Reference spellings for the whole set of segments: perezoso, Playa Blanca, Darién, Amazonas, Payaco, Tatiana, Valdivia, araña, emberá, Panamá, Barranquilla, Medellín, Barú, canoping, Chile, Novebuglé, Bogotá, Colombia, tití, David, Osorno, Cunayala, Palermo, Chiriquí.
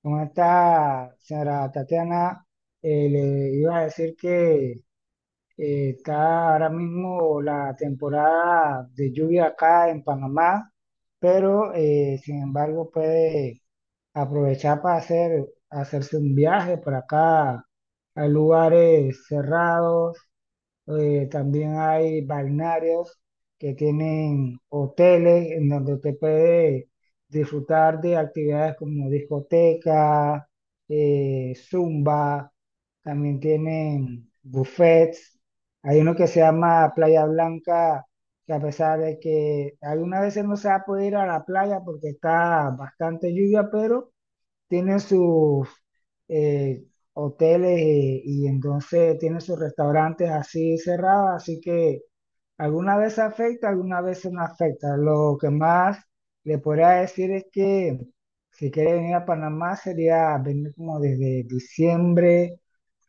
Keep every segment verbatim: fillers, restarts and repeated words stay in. Con esta señora Tatiana, eh, le iba a decir que eh, está ahora mismo la temporada de lluvia acá en Panamá, pero eh, sin embargo puede aprovechar para hacer, hacerse un viaje por acá a lugares cerrados, eh, también hay balnearios que tienen hoteles en donde te puede disfrutar de actividades como discoteca, eh, zumba, también tienen buffets. Hay uno que se llama Playa Blanca, que a pesar de que algunas veces no se va a poder ir a la playa porque está bastante lluvia, pero tienen sus eh, hoteles, eh, y, entonces tienen sus restaurantes así cerrados, así que alguna vez afecta, alguna vez no afecta. Lo que más le podría decir es que si quiere venir a Panamá sería venir como desde diciembre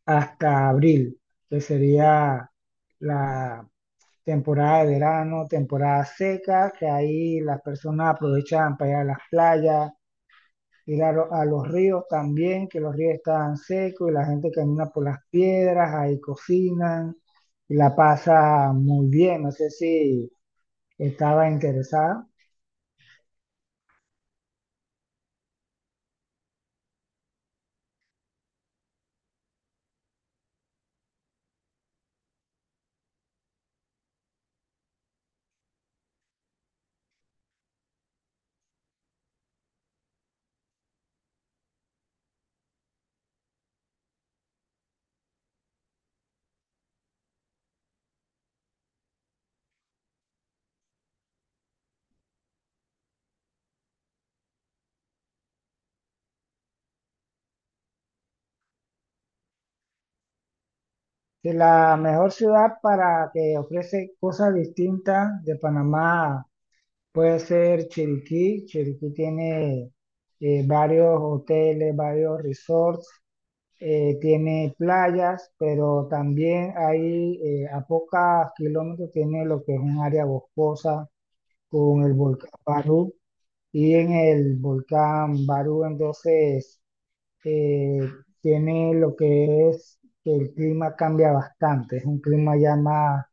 hasta abril, que sería la temporada de verano, temporada seca, que ahí las personas aprovechan para ir a las playas, ir a, lo- a los ríos también, que los ríos estaban secos y la gente camina por las piedras, ahí cocinan y la pasa muy bien. No sé si estaba interesada. Que la mejor ciudad para que ofrece cosas distintas de Panamá puede ser Chiriquí. Chiriquí tiene eh, varios hoteles, varios resorts, eh, tiene playas, pero también ahí eh, a pocos kilómetros tiene lo que es un área boscosa con el volcán Barú, y en el volcán Barú entonces eh, tiene lo que es que el clima cambia bastante, es un clima ya más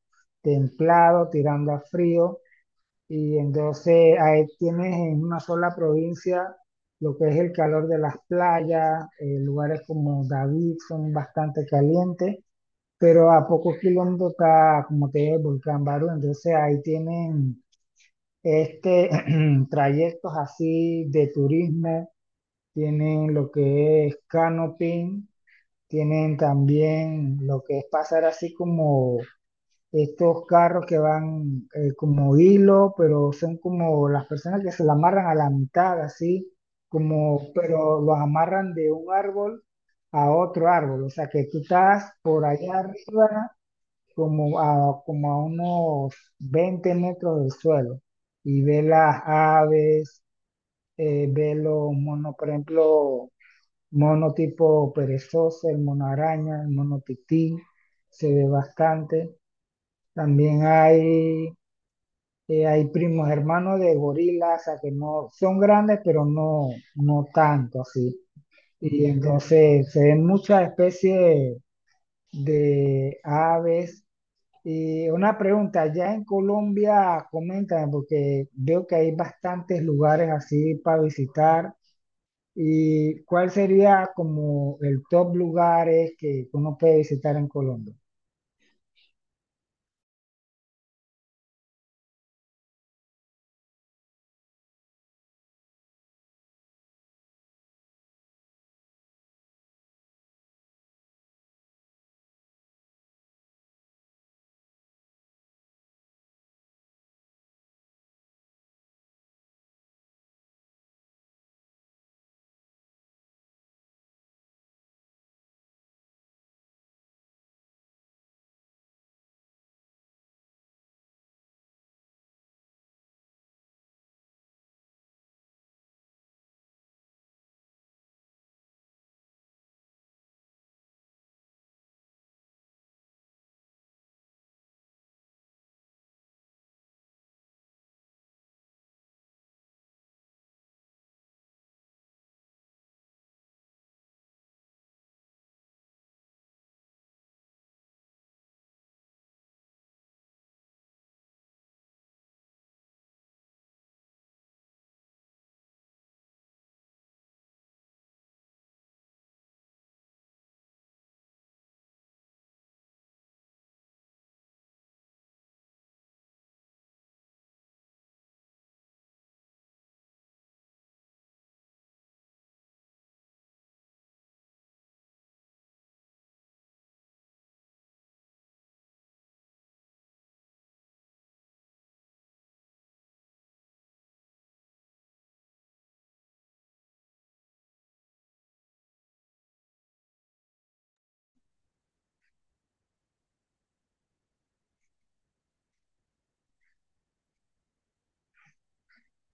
templado, tirando a frío, y entonces ahí tienes en una sola provincia lo que es el calor de las playas. Eh, lugares como David son bastante calientes, pero a pocos kilómetros está, como te digo, el volcán Barú, entonces ahí tienen este trayectos así de turismo, tienen lo que es canoping, tienen también lo que es pasar así como estos carros que van, eh, como hilo, pero son como las personas que se la amarran a la mitad, así, como, pero los amarran de un árbol a otro árbol, o sea que tú estás por allá arriba, como a, como a unos veinte metros del suelo, y ves las aves, eh, ves los monos, por ejemplo, mono tipo perezoso, el mono araña, el mono tití, se ve bastante. También hay, eh, hay primos hermanos de gorilas, o sea, que no son grandes, pero no, no tanto así. Y entonces se ven muchas especies de aves. Y una pregunta, ya en Colombia, coméntame, porque veo que hay bastantes lugares así para visitar. ¿Y cuál sería como el top lugares que uno puede visitar en Colombia?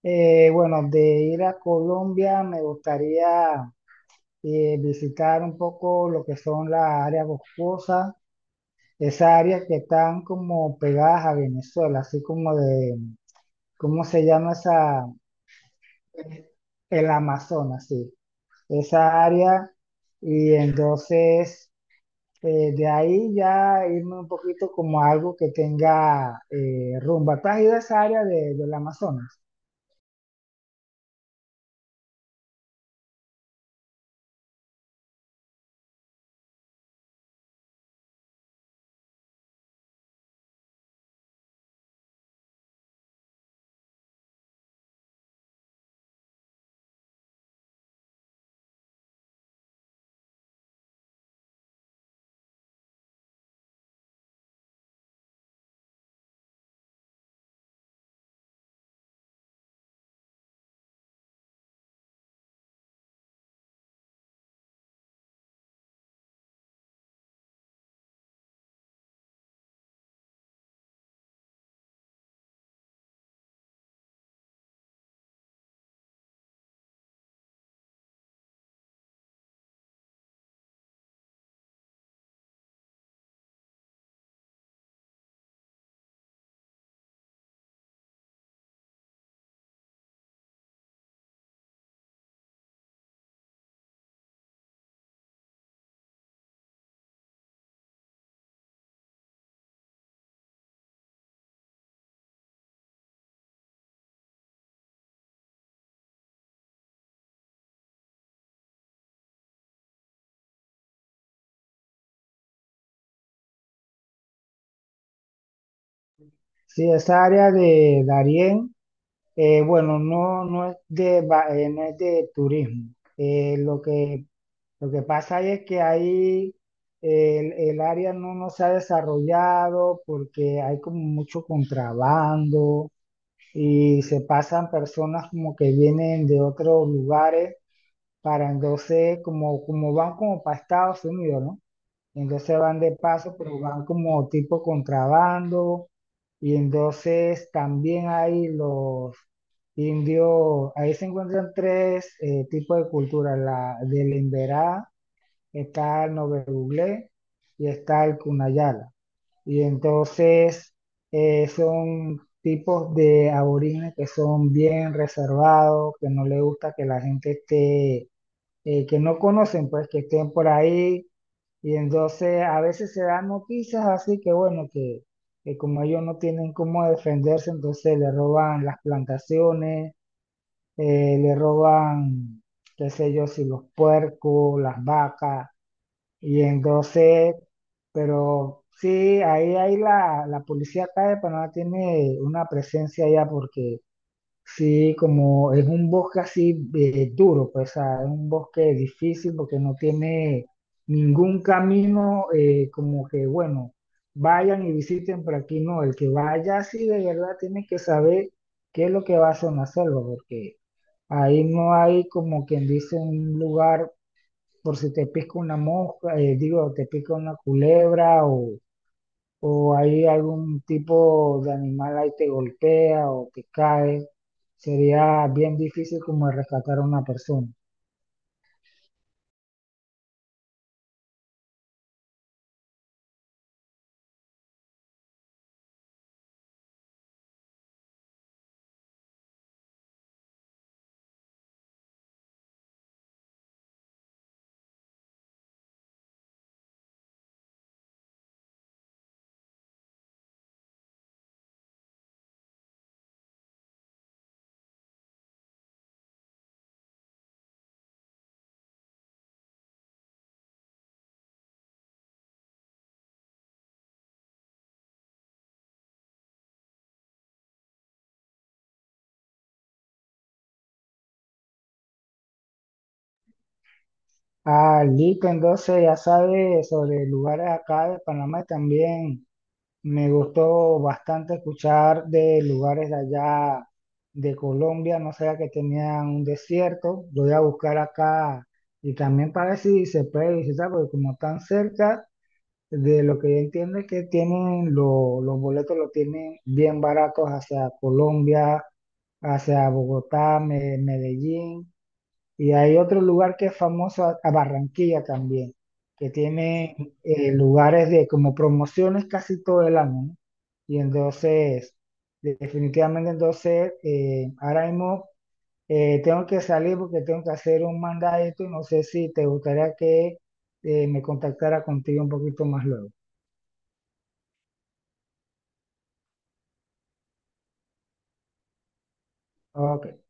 Eh, bueno, de ir a Colombia me gustaría eh, visitar un poco lo que son las áreas boscosas, esas áreas que están como pegadas a Venezuela, así como de, ¿cómo se llama esa? El Amazonas, sí, esa área. Y entonces, eh, de ahí ya irme un poquito como a algo que tenga eh, rumba. ¿Tú has ido a esa área de, del Amazonas? Sí, esa área de Darién, eh, bueno, no, no es de, va- eh, no es de turismo. Eh, lo que Lo que pasa es que ahí el, el área no, no se ha desarrollado porque hay como mucho contrabando y se pasan personas como que vienen de otros lugares para entonces, como, como van como para Estados Unidos, ¿no? Entonces van de paso, pero van como tipo contrabando, y entonces también hay los indios, ahí se encuentran tres eh, tipos de cultura, la del emberá, está el Novebuglé y está el Cunayala. Y entonces eh, son tipos de aborígenes que son bien reservados, que no les gusta que la gente esté, eh, que no conocen, pues que estén por ahí. Y entonces a veces se dan noticias así que bueno, que, que como ellos no tienen cómo defenderse, entonces le roban las plantaciones, eh, le roban, qué sé yo, si los puercos, las vacas. Y entonces, pero sí, ahí, ahí la, la policía acá de Panamá tiene una presencia allá porque sí, como es un bosque así, eh, duro, pues o sea, es un bosque difícil porque no tiene ningún camino, eh, como que, bueno, vayan y visiten, pero aquí no, el que vaya así de verdad tiene que saber qué es lo que va a hacer en la selva, porque ahí no hay como quien dice un lugar por si te pica una mosca, eh, digo, te pica una culebra, o, o hay algún tipo de animal ahí te golpea o te cae, sería bien difícil como rescatar a una persona. Ah, listo, entonces ya sabes sobre lugares acá de Panamá también. Me gustó bastante escuchar de lugares de allá de Colombia, no sabía que tenían un desierto. Lo voy a buscar acá y también para ver si se puede visitar, porque como están cerca. De lo que yo entiendo es que tienen lo- los boletos los tienen bien baratos hacia Colombia, hacia Bogotá, Me- Medellín, y hay otro lugar que es famoso, a a Barranquilla también, que tiene eh, lugares de como promociones casi todo el año, ¿no? Y entonces, de- definitivamente entonces, eh, ahora mismo eh, tengo que salir porque tengo que hacer un mandadito y no sé si te gustaría que eh, me contactara contigo un poquito más luego. Ok.